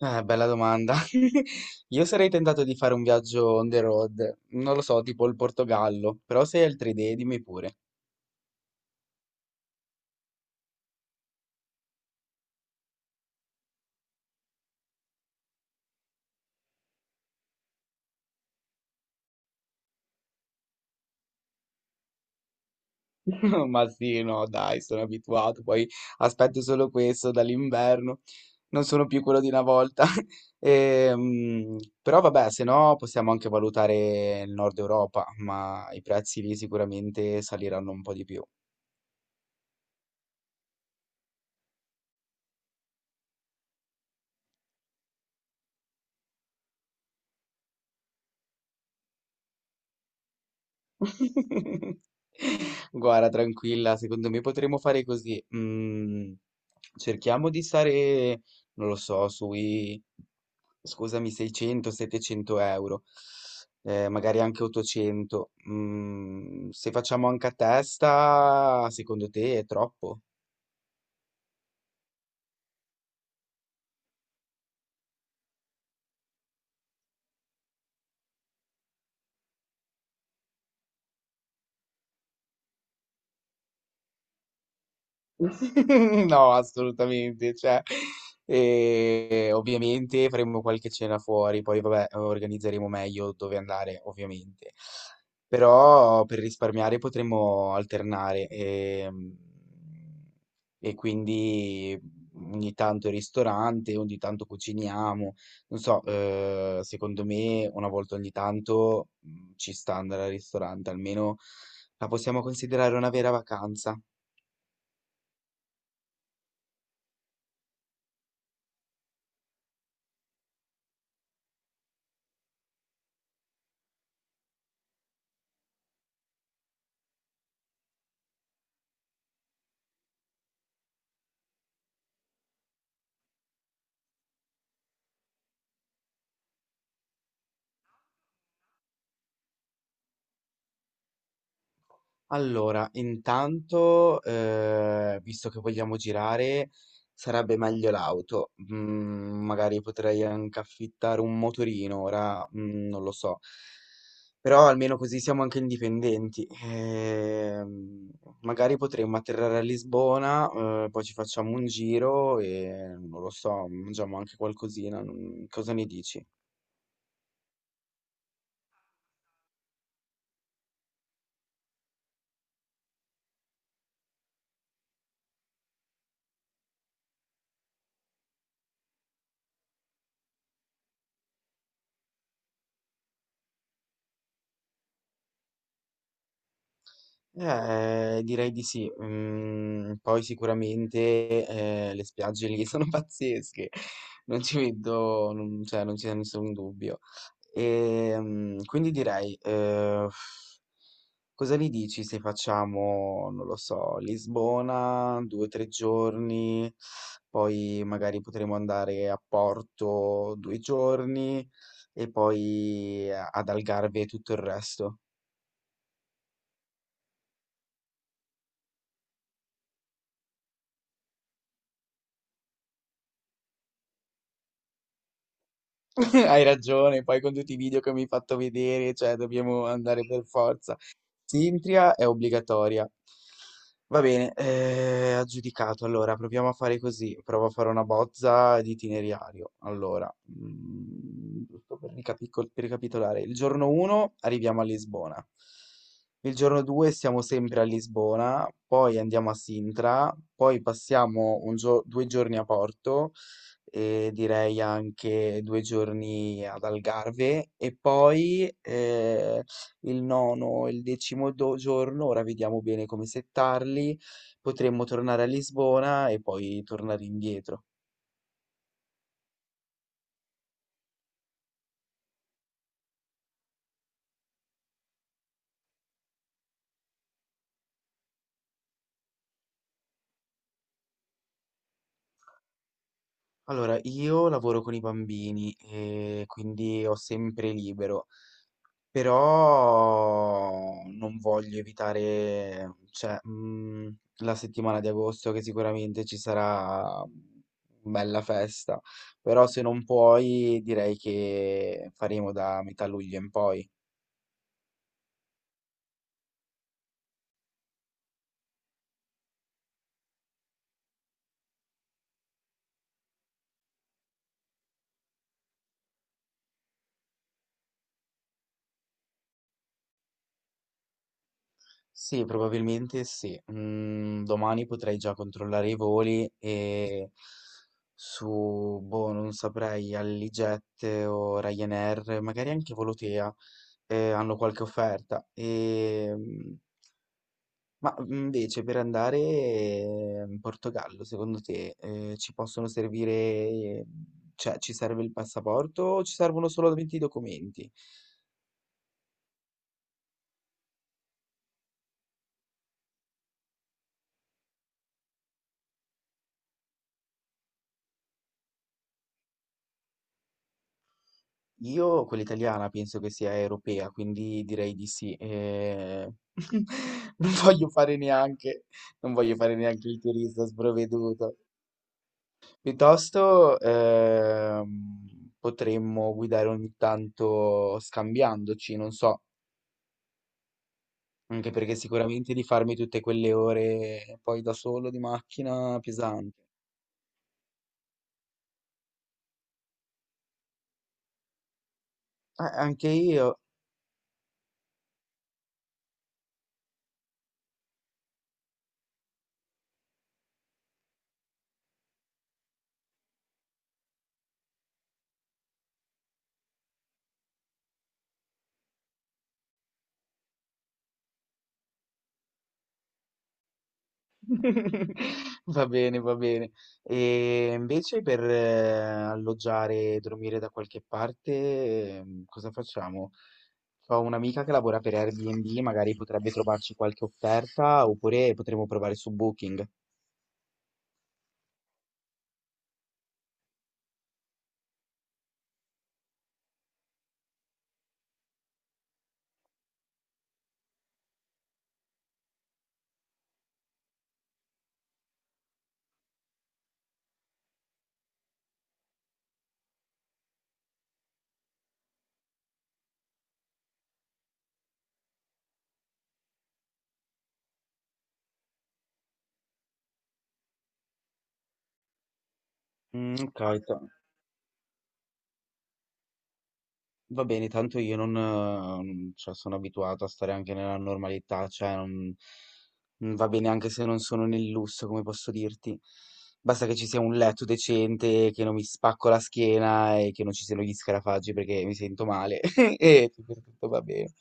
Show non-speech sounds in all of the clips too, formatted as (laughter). Bella domanda. (laughs) Io sarei tentato di fare un viaggio on the road, non lo so, tipo il Portogallo, però se hai altre idee dimmi pure. (laughs) Ma sì, no, dai, sono abituato, poi aspetto solo questo dall'inverno, non sono più quello di una volta. (laughs) Però vabbè, se no possiamo anche valutare il Nord Europa, ma i prezzi lì sicuramente saliranno un po' di più. (laughs) Guarda, tranquilla, secondo me potremmo fare così. Cerchiamo di stare, non lo so, sui, scusami, 600-700 euro, magari anche 800. Se facciamo anche a testa, secondo te è troppo? (laughs) No, assolutamente. Cioè, ovviamente faremo qualche cena fuori, poi vabbè, organizzeremo meglio dove andare, ovviamente. Però per risparmiare potremmo alternare e quindi ogni tanto il ristorante, ogni tanto cuciniamo. Non so, secondo me una volta ogni tanto ci sta andare al ristorante, almeno la possiamo considerare una vera vacanza. Allora, intanto, visto che vogliamo girare, sarebbe meglio l'auto. Magari potrei anche affittare un motorino, ora, non lo so. Però almeno così siamo anche indipendenti. Magari potremmo atterrare a Lisbona, poi ci facciamo un giro e, non lo so, mangiamo anche qualcosina. Cosa ne dici? Direi di sì. Poi sicuramente le spiagge lì (laughs) sono pazzesche, non ci vedo, non, cioè, non c'è nessun dubbio. E, quindi direi, cosa ne dici se facciamo, non lo so, Lisbona, 2 o 3 giorni, poi magari potremo andare a Porto 2 giorni e poi ad Algarve tutto il resto. (laughs) Hai ragione, poi con tutti i video che mi hai fatto vedere, cioè dobbiamo andare per forza. Sintria è obbligatoria. Va bene, aggiudicato. Allora, proviamo a fare così. Provo a fare una bozza di itinerario. Allora, giusto per ricapitolare. Il giorno 1 arriviamo a Lisbona. Il giorno 2 siamo sempre a Lisbona, poi andiamo a Sintra, poi passiamo due giorni a Porto, e direi anche 2 giorni ad Algarve e poi il nono e il decimo giorno, ora vediamo bene come settarli, potremmo tornare a Lisbona e poi tornare indietro. Allora, io lavoro con i bambini e quindi ho sempre libero. Però non voglio evitare, cioè, la settimana di agosto che sicuramente ci sarà bella festa, però se non puoi direi che faremo da metà luglio in poi. Sì, probabilmente sì. Mhmm, Domani potrei già controllare i voli e su, boh, non saprei, Alliget o Ryanair, magari anche Volotea, hanno qualche offerta. Ma invece per andare in Portogallo, secondo te, ci possono servire, cioè ci serve il passaporto o ci servono solamente i documenti? Io, quella italiana, penso che sia europea, quindi direi di sì. (laughs) Non voglio fare neanche, Non voglio fare neanche il turista sprovveduto. Piuttosto, potremmo guidare ogni tanto scambiandoci, non so. Anche perché sicuramente di farmi tutte quelle ore poi da solo di macchina pesante. Ah, anche io. (laughs) Va bene, va bene. E invece per alloggiare e dormire da qualche parte, cosa facciamo? Ho un'amica che lavora per Airbnb, magari potrebbe trovarci qualche offerta oppure potremmo provare su Booking. Mm, ok. Va bene, tanto io non, cioè, sono abituato a stare anche nella normalità, cioè non, non va bene anche se non sono nel lusso, come posso dirti. Basta che ci sia un letto decente, che non mi spacco la schiena e che non ci siano gli scarafaggi perché mi sento male (laughs) e tutto tutto va bene.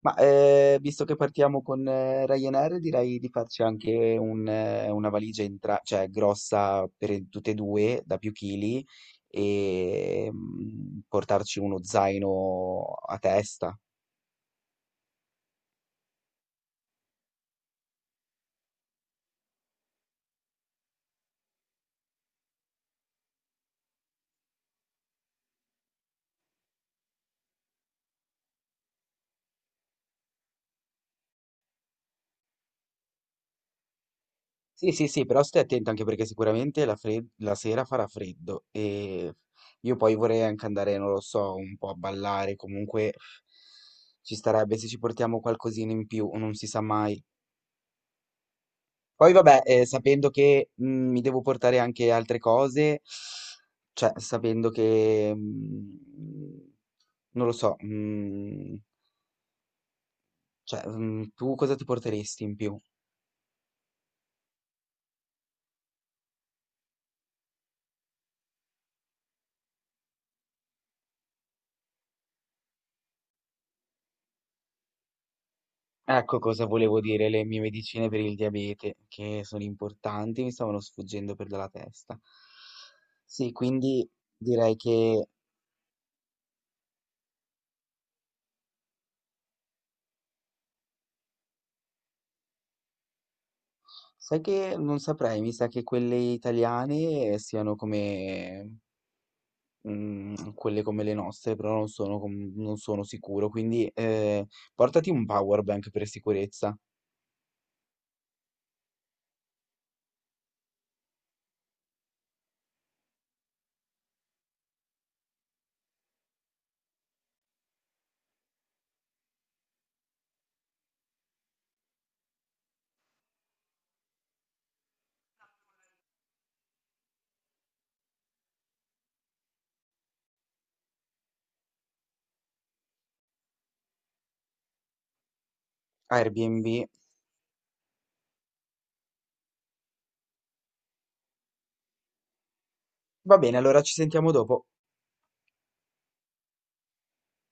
Ma visto che partiamo con Ryanair, direi di farci anche una valigia cioè, grossa per tutte e due, da più chili, e portarci uno zaino a testa. Sì, sì, sì, però stai attento anche perché sicuramente la sera farà freddo e io poi vorrei anche andare, non lo so, un po' a ballare, comunque ci starebbe se ci portiamo qualcosina in più, non si sa mai. Poi vabbè, sapendo che mi devo portare anche altre cose, cioè sapendo che, non lo so, cioè, tu cosa ti porteresti in più? Ecco cosa volevo dire, le mie medicine per il diabete, che sono importanti, mi stavano sfuggendo per dalla testa. Sì, quindi direi che, sai che non saprei, mi sa che quelle italiane siano come mhmm, quelle come le nostre, però non sono sicuro, quindi, portati un power bank per sicurezza. Airbnb. Va bene, allora ci sentiamo dopo.